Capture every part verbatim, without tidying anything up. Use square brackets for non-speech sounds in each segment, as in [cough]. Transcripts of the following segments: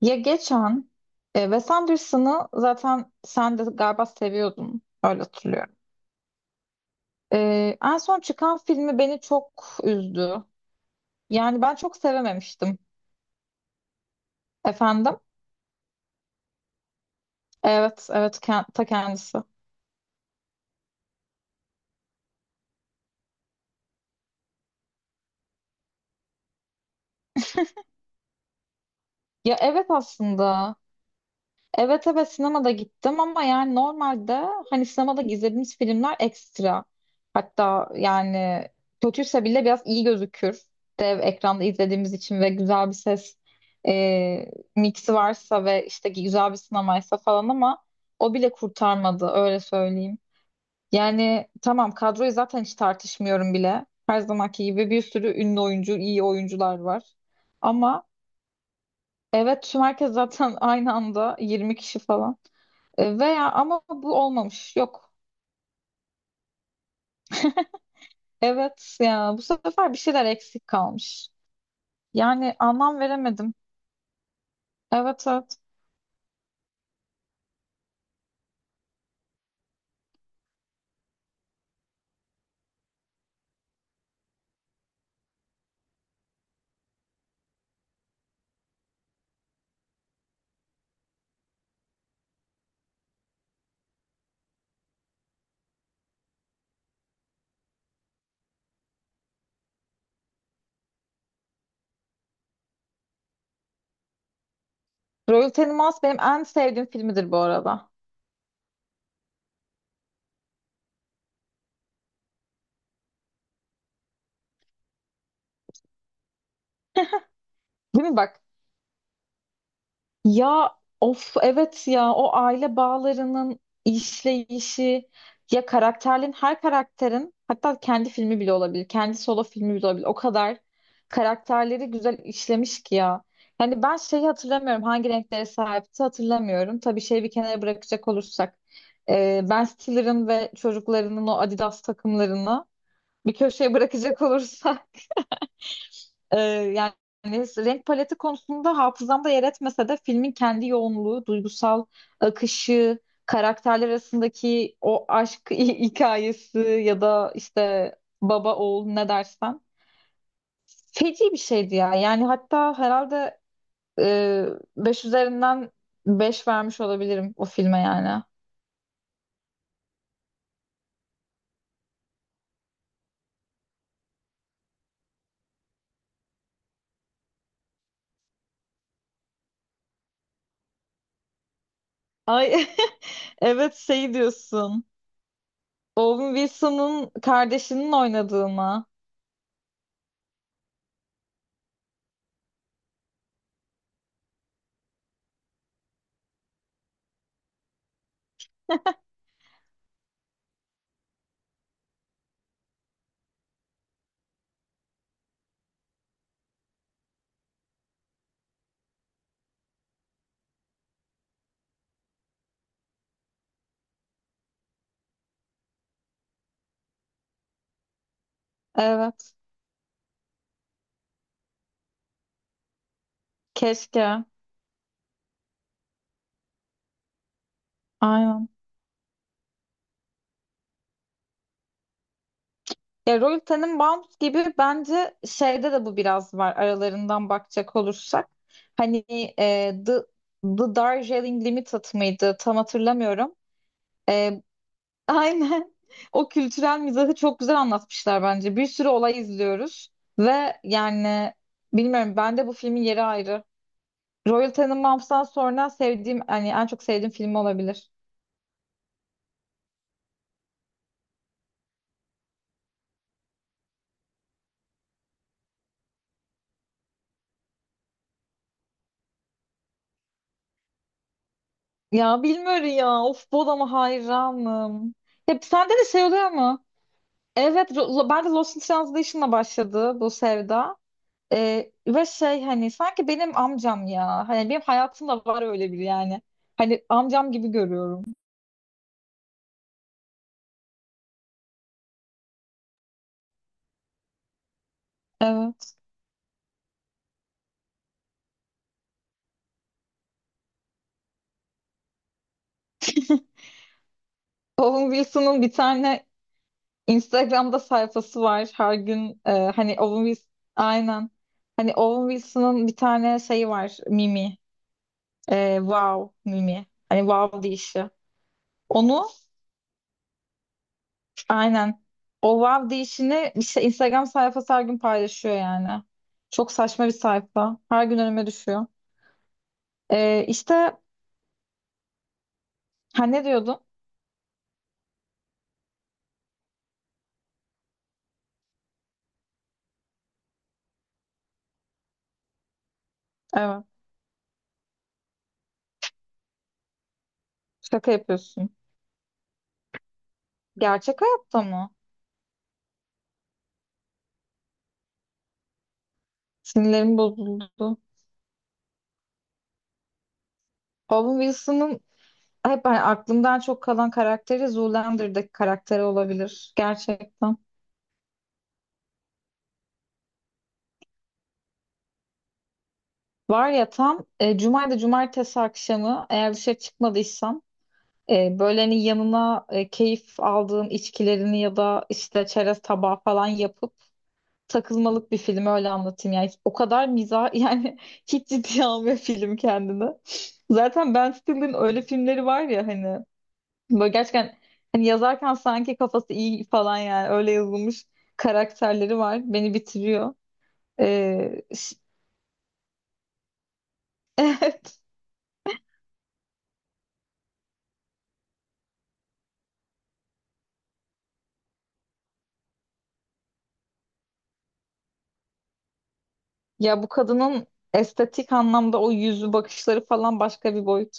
Ya geçen e, Wes Anderson'ı zaten sen de galiba seviyordun. Öyle hatırlıyorum. E, en son çıkan filmi beni çok üzdü. Yani ben çok sevememiştim. Efendim? Evet, evet, ken- ta kendisi. Ya evet, aslında. Evet, evet, sinemada gittim ama yani normalde hani sinemada izlediğimiz filmler ekstra. Hatta yani kötüyse bile biraz iyi gözükür. Dev ekranda izlediğimiz için ve güzel bir ses e, miksi varsa ve işte güzel bir sinemaysa falan ama o bile kurtarmadı, öyle söyleyeyim. Yani tamam, kadroyu zaten hiç tartışmıyorum bile. Her zamanki gibi bir sürü ünlü oyuncu, iyi oyuncular var. Ama evet tüm herkes zaten [laughs] aynı anda yirmi kişi falan. E, Veya ama bu olmamış. Yok. Evet ya, bu sefer bir şeyler eksik kalmış. Yani anlam veremedim. Evet, evet. Royal Tenenbaums benim en sevdiğim filmidir bu arada. Değil mi bak? Ya of, evet ya, o aile bağlarının işleyişi, ya karakterin, her karakterin hatta kendi filmi bile olabilir. Kendi solo filmi bile olabilir. O kadar karakterleri güzel işlemiş ki ya. Yani ben şeyi hatırlamıyorum, hangi renklere sahipti hatırlamıyorum. Tabii şeyi bir kenara bırakacak olursak, e, Ben Stiller'ın ve çocuklarının o Adidas takımlarını bir köşeye bırakacak olursak, ee, yani renk paleti konusunda hafızamda yer etmese de filmin kendi yoğunluğu, duygusal akışı, karakterler arasındaki o aşk [laughs] hikayesi ya da işte baba oğul ne dersen feci bir şeydi ya. Yani hatta herhalde e, beş üzerinden beş vermiş olabilirim o filme yani. Ay [laughs] evet, şey diyorsun. Owen Wilson'ın kardeşinin oynadığı mı? Evet. Keşke. Aynen. Ya Royal Tenenbaums gibi bence şeyde de bu biraz var, aralarından bakacak olursak. Hani e, The, The Darjeeling Limited mıydı? Tam hatırlamıyorum. E, aynen. [laughs] O kültürel mizahı çok güzel anlatmışlar bence. Bir sürü olay izliyoruz ve yani bilmiyorum, bende bu filmin yeri ayrı. Royal Tenenbaums'tan sonra sevdiğim, hani en çok sevdiğim film olabilir. Ya bilmiyorum ya. Of, Bodam'a hayranım. Hep sende de şey oluyor mu? Evet, Ro- Lo- ben de Lost in Translation'la başladı bu sevda. Ee, ve şey hani sanki benim amcam ya. Hani benim hayatımda var öyle biri yani. Hani amcam gibi görüyorum. Evet. Owen Wilson'ın bir tane Instagram'da sayfası var. Her gün e, hani Owen Wilson, aynen. Hani Owen Wilson'ın bir tane şeyi var. Mimi. E, wow Mimi. Hani wow deyişi. Onu, aynen. O wow deyişini işte Instagram sayfası her gün paylaşıyor yani. Çok saçma bir sayfa. Her gün önüme düşüyor. E, işte ha, ne diyordun? Evet. Şaka yapıyorsun. Gerçek hayatta mı? Sinirlerim bozuldu. Owen Wilson'ın hep hani aklımdan çok kalan karakteri Zoolander'daki karakteri olabilir. Gerçekten. Var ya tam e, cumaydı cumartesi akşamı, eğer dışarı çıkmadıysam, e, böyle hani yanına e, keyif aldığın içkilerini ya da işte çerez tabağı falan yapıp takılmalık bir film, öyle anlatayım. Yani o kadar miza [laughs] yani hiç ciddiye almıyor film kendini. Zaten Ben Stiller'ın öyle filmleri var ya, hani böyle gerçekten, hani yazarken sanki kafası iyi falan, yani öyle yazılmış karakterleri var. Beni bitiriyor. Ee, ş- [laughs] evet. Ya bu kadının estetik anlamda o yüzü, bakışları falan başka bir boyut.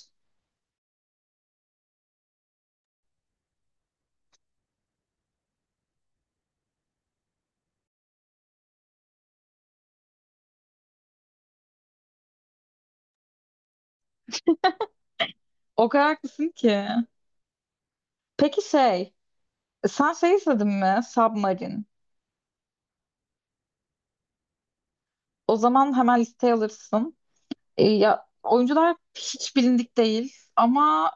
O kadar haklısın ki. Peki şey, sen şey izledin mi? Submarine. O zaman hemen listeye alırsın. Ee, ya oyuncular hiç bilindik değil ama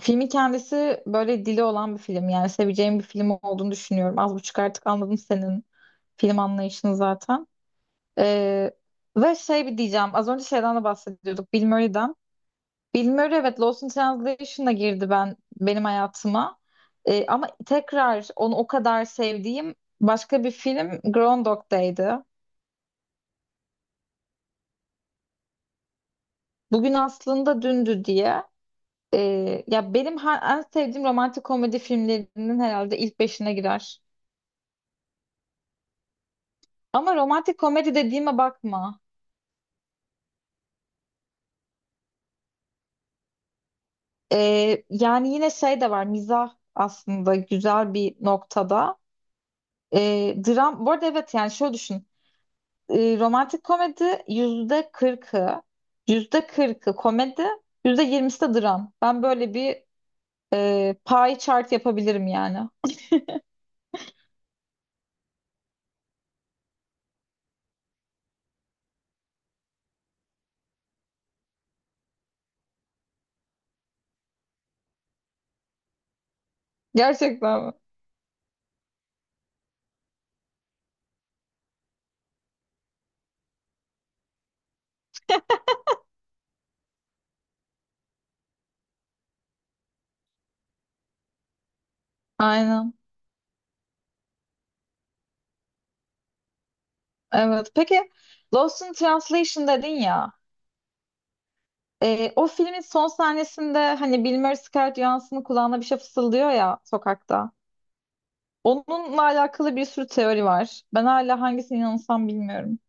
filmin kendisi böyle dili olan bir film. Yani seveceğim bir film olduğunu düşünüyorum. Az buçuk artık anladım senin film anlayışını zaten. Ee, Ve şey, bir diyeceğim. Az önce şeyden de bahsediyorduk. Bill Murray'den. Bill Murray, evet, Lost in Translation'a girdi ben benim hayatıma. Ee, ama tekrar onu o kadar sevdiğim başka bir film Groundhog Day'di. Bugün aslında dündü diye. Ee, ya benim her, en sevdiğim romantik komedi filmlerinin herhalde ilk beşine girer. Ama romantik komedi dediğime bakma. Ee, yani yine şey de var, mizah aslında güzel bir noktada. E, dram, bu arada evet, yani şöyle düşün. E, romantik komedi yüzde kırkı, yüzde kırkı komedi, yüzde yirmisi de dram. Ben böyle bir e, pie chart yapabilirim yani. Gerçekten mi? Aynen. Evet. Peki Lost in Translation dedin ya. Ee, o filmin son sahnesinde hani Bill Murray Scarlett Johansson'ın kulağına bir şey fısıldıyor ya sokakta. Onunla alakalı bir sürü teori var. Ben hala hangisine inansam bilmiyorum.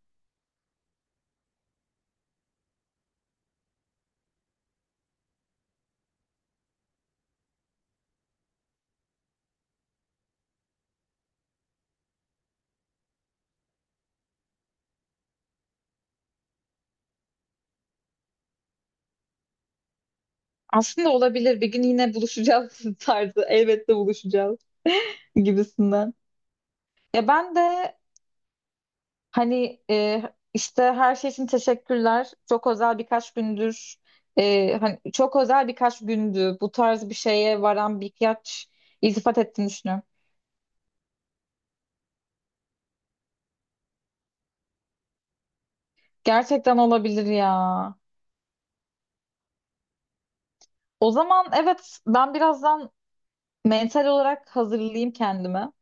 Aslında olabilir. Bir gün yine buluşacağız [laughs] tarzı. Elbette buluşacağız gibisinden. Ya ben de hani e, işte her şey için teşekkürler. Çok özel birkaç gündür. E, hani çok özel birkaç gündü. Bu tarz bir şeye varan birkaç iltifat ettiğini düşünüyorum. Gerçekten olabilir ya. O zaman evet, ben birazdan mental olarak hazırlayayım kendimi.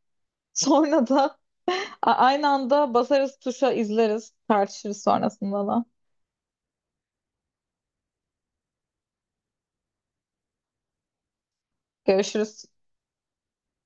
Sonra da [laughs] a- aynı anda basarız tuşa, izleriz. Tartışırız sonrasında da. Görüşürüz.